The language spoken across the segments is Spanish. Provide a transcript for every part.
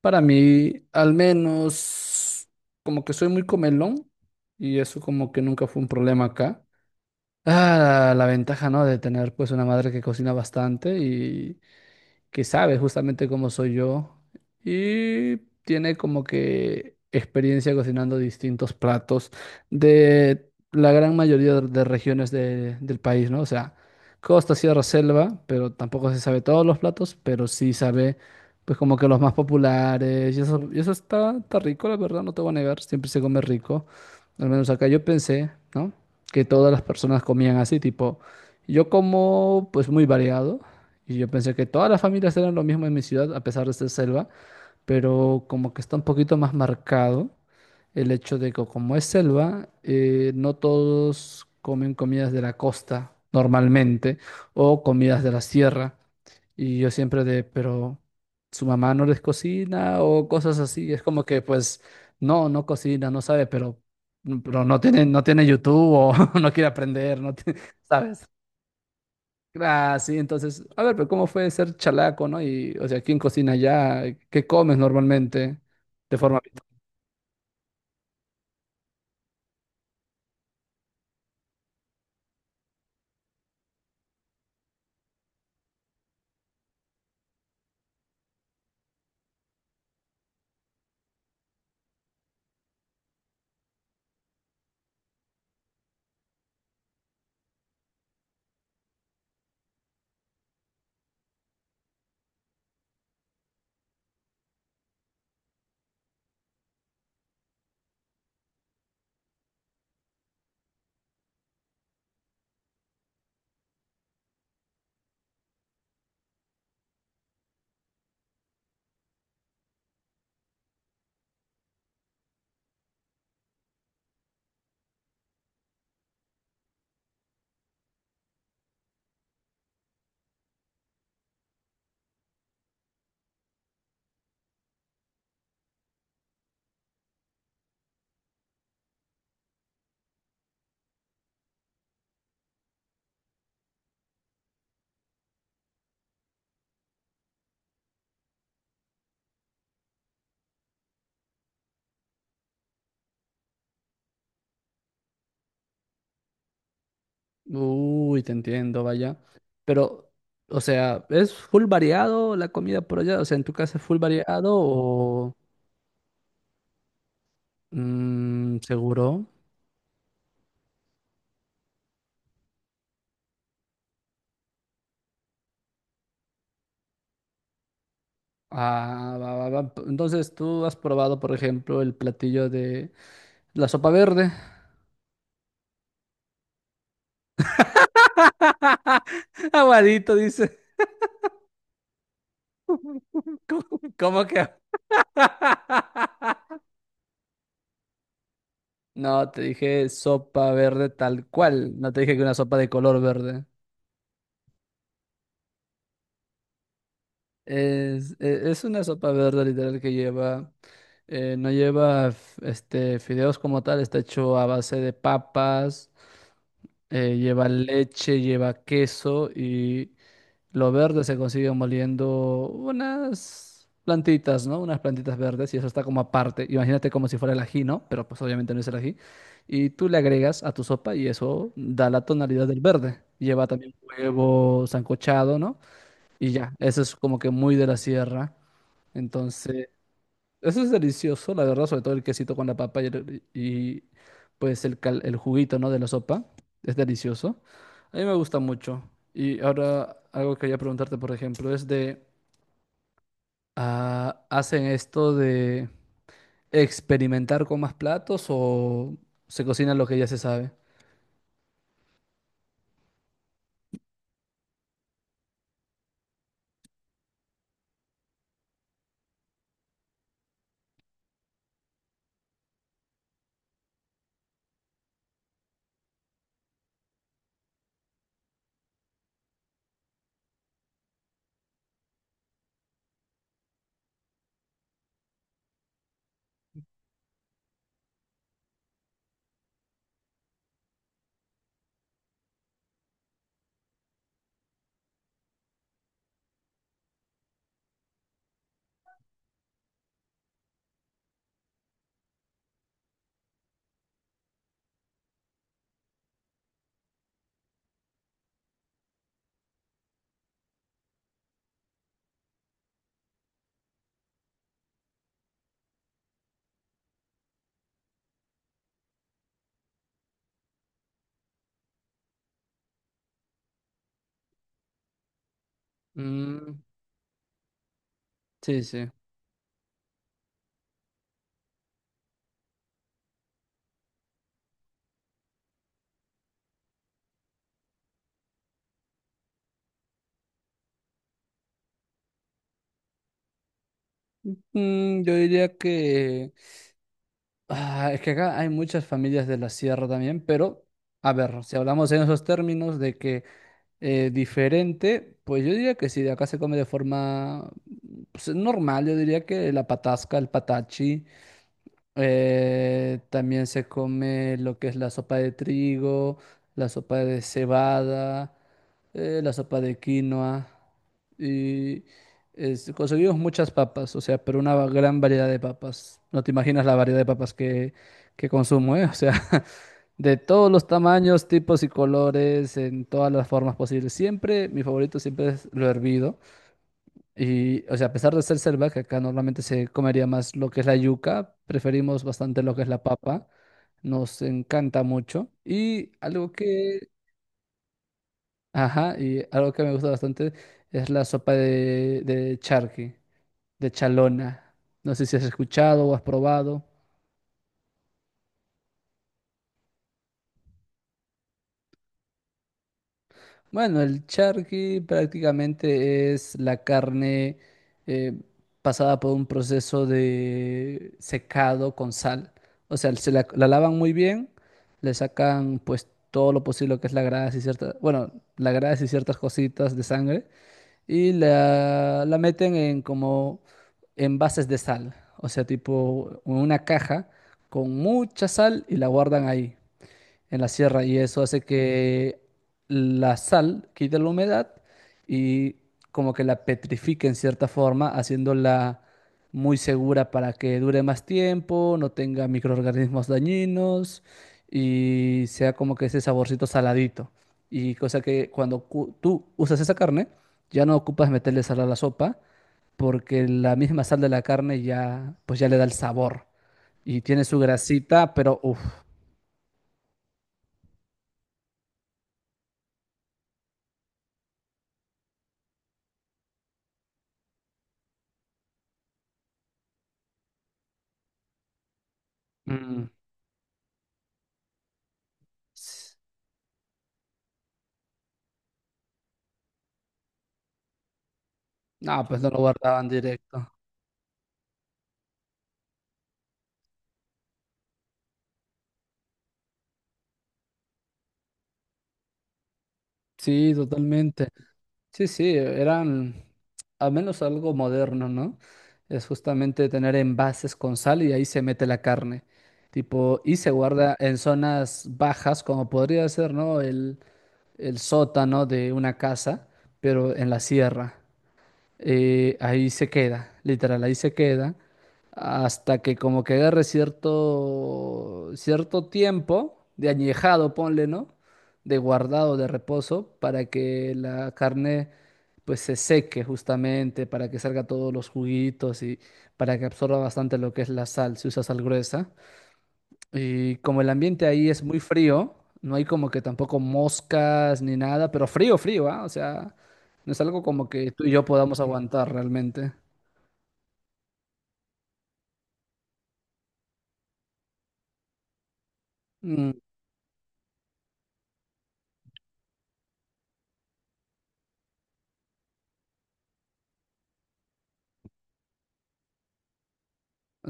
Para mí, al menos, como que soy muy comelón y eso como que nunca fue un problema acá. Ah, la ventaja, ¿no? De tener pues una madre que cocina bastante y que sabe justamente cómo soy yo y tiene como que experiencia cocinando distintos platos de la gran mayoría de regiones del país, ¿no? O sea, costa, sierra, selva, pero tampoco se sabe todos los platos, pero sí sabe pues como que los más populares y eso está, está rico, la verdad, no te voy a negar, siempre se come rico, al menos acá yo pensé, ¿no? Que todas las personas comían así, tipo, yo como pues muy variado, y yo pensé que todas las familias eran lo mismo en mi ciudad, a pesar de ser selva, pero como que está un poquito más marcado el hecho de que como es selva, no todos comen comidas de la costa normalmente o comidas de la sierra. Y yo siempre de, pero su mamá no les cocina o cosas así. Es como que pues no cocina, no sabe, pero no tiene YouTube o no quiere aprender, no tiene- ¿sabes? Ah, sí, entonces, a ver, pero ¿cómo fue ser chalaco, no? Y, o sea, ¿quién cocina allá? ¿Qué comes normalmente? De forma... Uy, te entiendo, vaya. Pero, o sea, ¿es full variado la comida por allá? O sea, ¿en tu casa es full variado o... mm, seguro. Ah, va, va, va. Entonces, ¿tú has probado, por ejemplo, el platillo de la sopa verde? Aguadito, dice. ¿Cómo cómo que? No, te dije sopa verde tal cual. No te dije que una sopa de color verde. Es una sopa verde literal que lleva, no lleva este, fideos como tal, está hecho a base de papas, lleva leche, lleva queso. Lo verde se consigue moliendo unas plantitas, ¿no? Unas plantitas verdes y eso está como aparte. Imagínate como si fuera el ají, ¿no? Pero pues obviamente no es el ají. Y tú le agregas a tu sopa y eso da la tonalidad del verde. Lleva también huevo sancochado, ¿no? Y ya, eso es como que muy de la sierra. Entonces, eso es delicioso, la verdad, sobre todo el quesito con la papa y pues el juguito, ¿no? de la sopa. Es delicioso. A mí me gusta mucho. Y ahora algo que quería preguntarte, por ejemplo, es de, ah, ¿hacen esto de experimentar con más platos o se cocina lo que ya se sabe? Mm, sí, sí. Mm, yo diría que... ah, es que acá hay muchas familias de la sierra también, pero, a ver, si hablamos en esos términos de que... diferente, pues yo diría que sí, de acá se come de forma pues, normal, yo diría que la patasca, el patachi, también se come lo que es la sopa de trigo, la sopa de cebada, la sopa de quinoa y conseguimos muchas papas, o sea, pero una gran variedad de papas. No te imaginas la variedad de papas que consumo, ¿eh? O sea, de todos los tamaños, tipos y colores, en todas las formas posibles. Siempre, mi favorito siempre es lo hervido. Y, o sea, a pesar de ser selva, que acá normalmente se comería más lo que es la yuca, preferimos bastante lo que es la papa. Nos encanta mucho. Y algo que, ajá, y algo que me gusta bastante es la sopa de charqui, de chalona. No sé si has escuchado o has probado. Bueno, el charqui prácticamente es la carne eh, pasada por un proceso de secado con sal. O sea, la lavan muy bien, le sacan pues todo lo posible que es la grasa y ciertas, bueno, la grasa y ciertas cositas de sangre y la meten en como envases de sal. O sea, tipo una caja con mucha sal y la guardan ahí en la sierra y eso hace que la sal quite la humedad y como que la petrifique en cierta forma, haciéndola muy segura para que dure más tiempo, no tenga microorganismos dañinos y sea como que ese saborcito saladito. Y cosa que cuando tú usas esa carne, ya no ocupas meterle sal a la sopa porque la misma sal de la carne ya pues ya le da el sabor y tiene su grasita, pero uff. No, pues no lo guardaban directo. Sí, totalmente. Sí, sí, eran al menos algo moderno, ¿no? Es justamente tener envases con sal y ahí se mete la carne. Tipo, y se guarda en zonas bajas, como podría ser, ¿no? El sótano de una casa, pero en la sierra. Ahí se queda, literal, ahí se queda, hasta que como que agarre cierto tiempo de añejado, ponle, ¿no? De guardado, de reposo, para que la carne pues se seque justamente, para que salga todos los juguitos y para que absorba bastante lo que es la sal, si usa sal gruesa. Y como el ambiente ahí es muy frío, no hay como que tampoco moscas ni nada, pero frío, frío, ¿ah? O sea, no es algo como que tú y yo podamos aguantar realmente. Mm,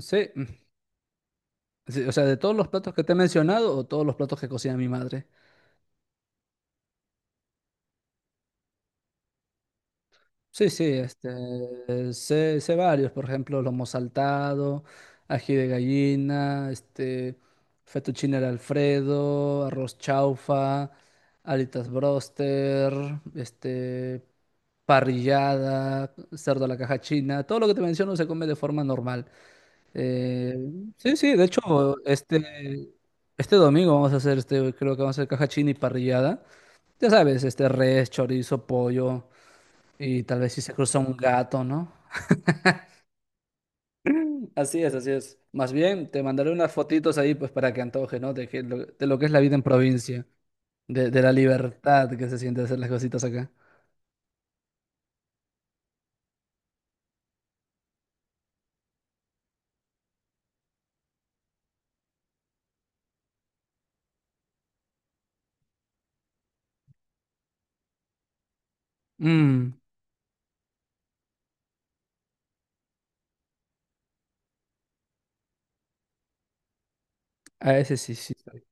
sí, mm, sí, o sea, de todos los platos que te he mencionado o todos los platos que cocina mi madre. Sí, sí, este, sé varios, por ejemplo, lomo saltado, ají de gallina, este, fettuccine al Alfredo, arroz chaufa, alitas broster, este, parrillada, cerdo a la caja china, todo lo que te menciono se come de forma normal. Eh, sí, sí, de hecho, este, este domingo vamos a hacer, este, creo que vamos a hacer caja china y parrillada. Ya sabes, este, res, chorizo, pollo. Y tal vez si se cruza un gato, ¿no? Así es, así es. Más bien, te mandaré unas fotitos ahí pues para que antoje, ¿no? De lo que es la vida en provincia, de la libertad que se siente hacer las cositas acá. Mm, a ese sí, sí, soy.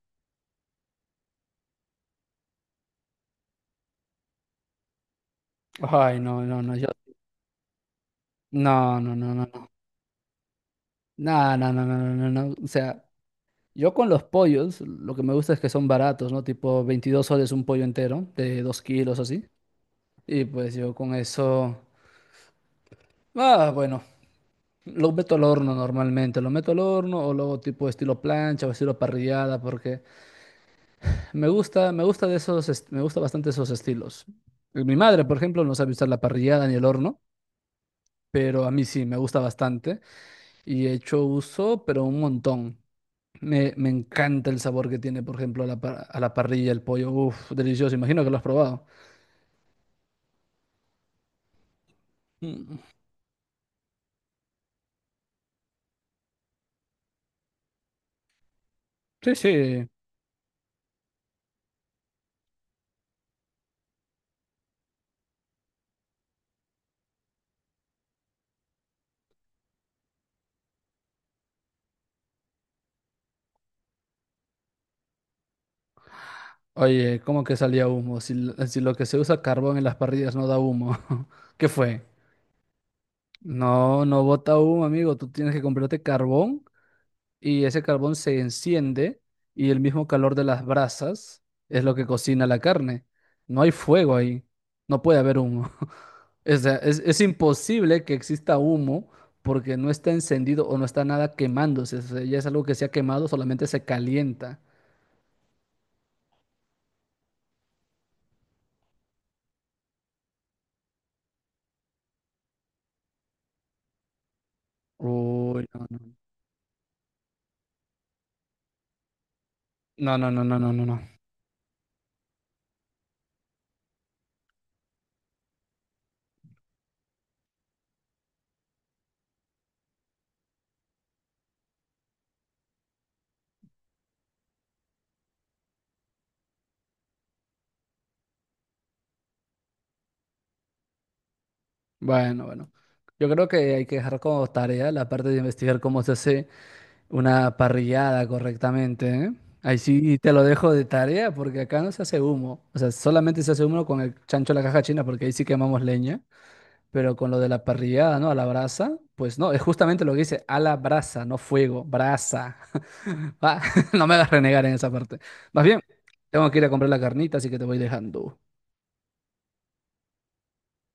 Ay, no, no, no, yo. No, no, no, no, no. No, no, no, no, no, no, no. O sea, yo con los pollos, lo que me gusta es que son baratos, ¿no? Tipo 22 soles un pollo entero, de 2 kilos así. Y pues yo con eso. Ah, bueno. Lo meto al horno normalmente, lo meto al horno o luego tipo estilo plancha o estilo parrillada, porque me gusta de esos, me gusta bastante esos estilos. Mi madre, por ejemplo, no sabe usar la parrillada ni el horno, pero a mí sí, me gusta bastante y he hecho uso, pero un montón. Me encanta el sabor que tiene, por ejemplo, a la parrilla, el pollo, uff, delicioso, imagino que lo has probado. Mm, sí, sí. Oye, ¿cómo que salía humo? Si lo que se usa carbón en las parrillas no da humo, ¿qué fue? No, no bota humo, amigo. Tú tienes que comprarte carbón y ese carbón se enciende y el mismo calor de las brasas es lo que cocina la carne. No hay fuego ahí. No puede haber humo. O sea, es imposible que exista humo porque no está encendido o no está nada quemándose. O sea, ya es algo que se ha quemado, solamente se calienta. Uy, no, no, no, no, no, no, no, no, no. Bueno, bueno. Yo creo que hay que dejar como tarea la parte de investigar cómo se hace una parrillada correctamente, ¿eh? Ahí sí te lo dejo de tarea porque acá no se hace humo. O sea, solamente se hace humo con el chancho de la caja china porque ahí sí quemamos leña. Pero con lo de la parrillada, ¿no? A la brasa, pues no, es justamente lo que dice, a la brasa, no fuego, brasa. Va, no me hagas renegar en esa parte. Más bien, tengo que ir a comprar la carnita, así que te voy dejando.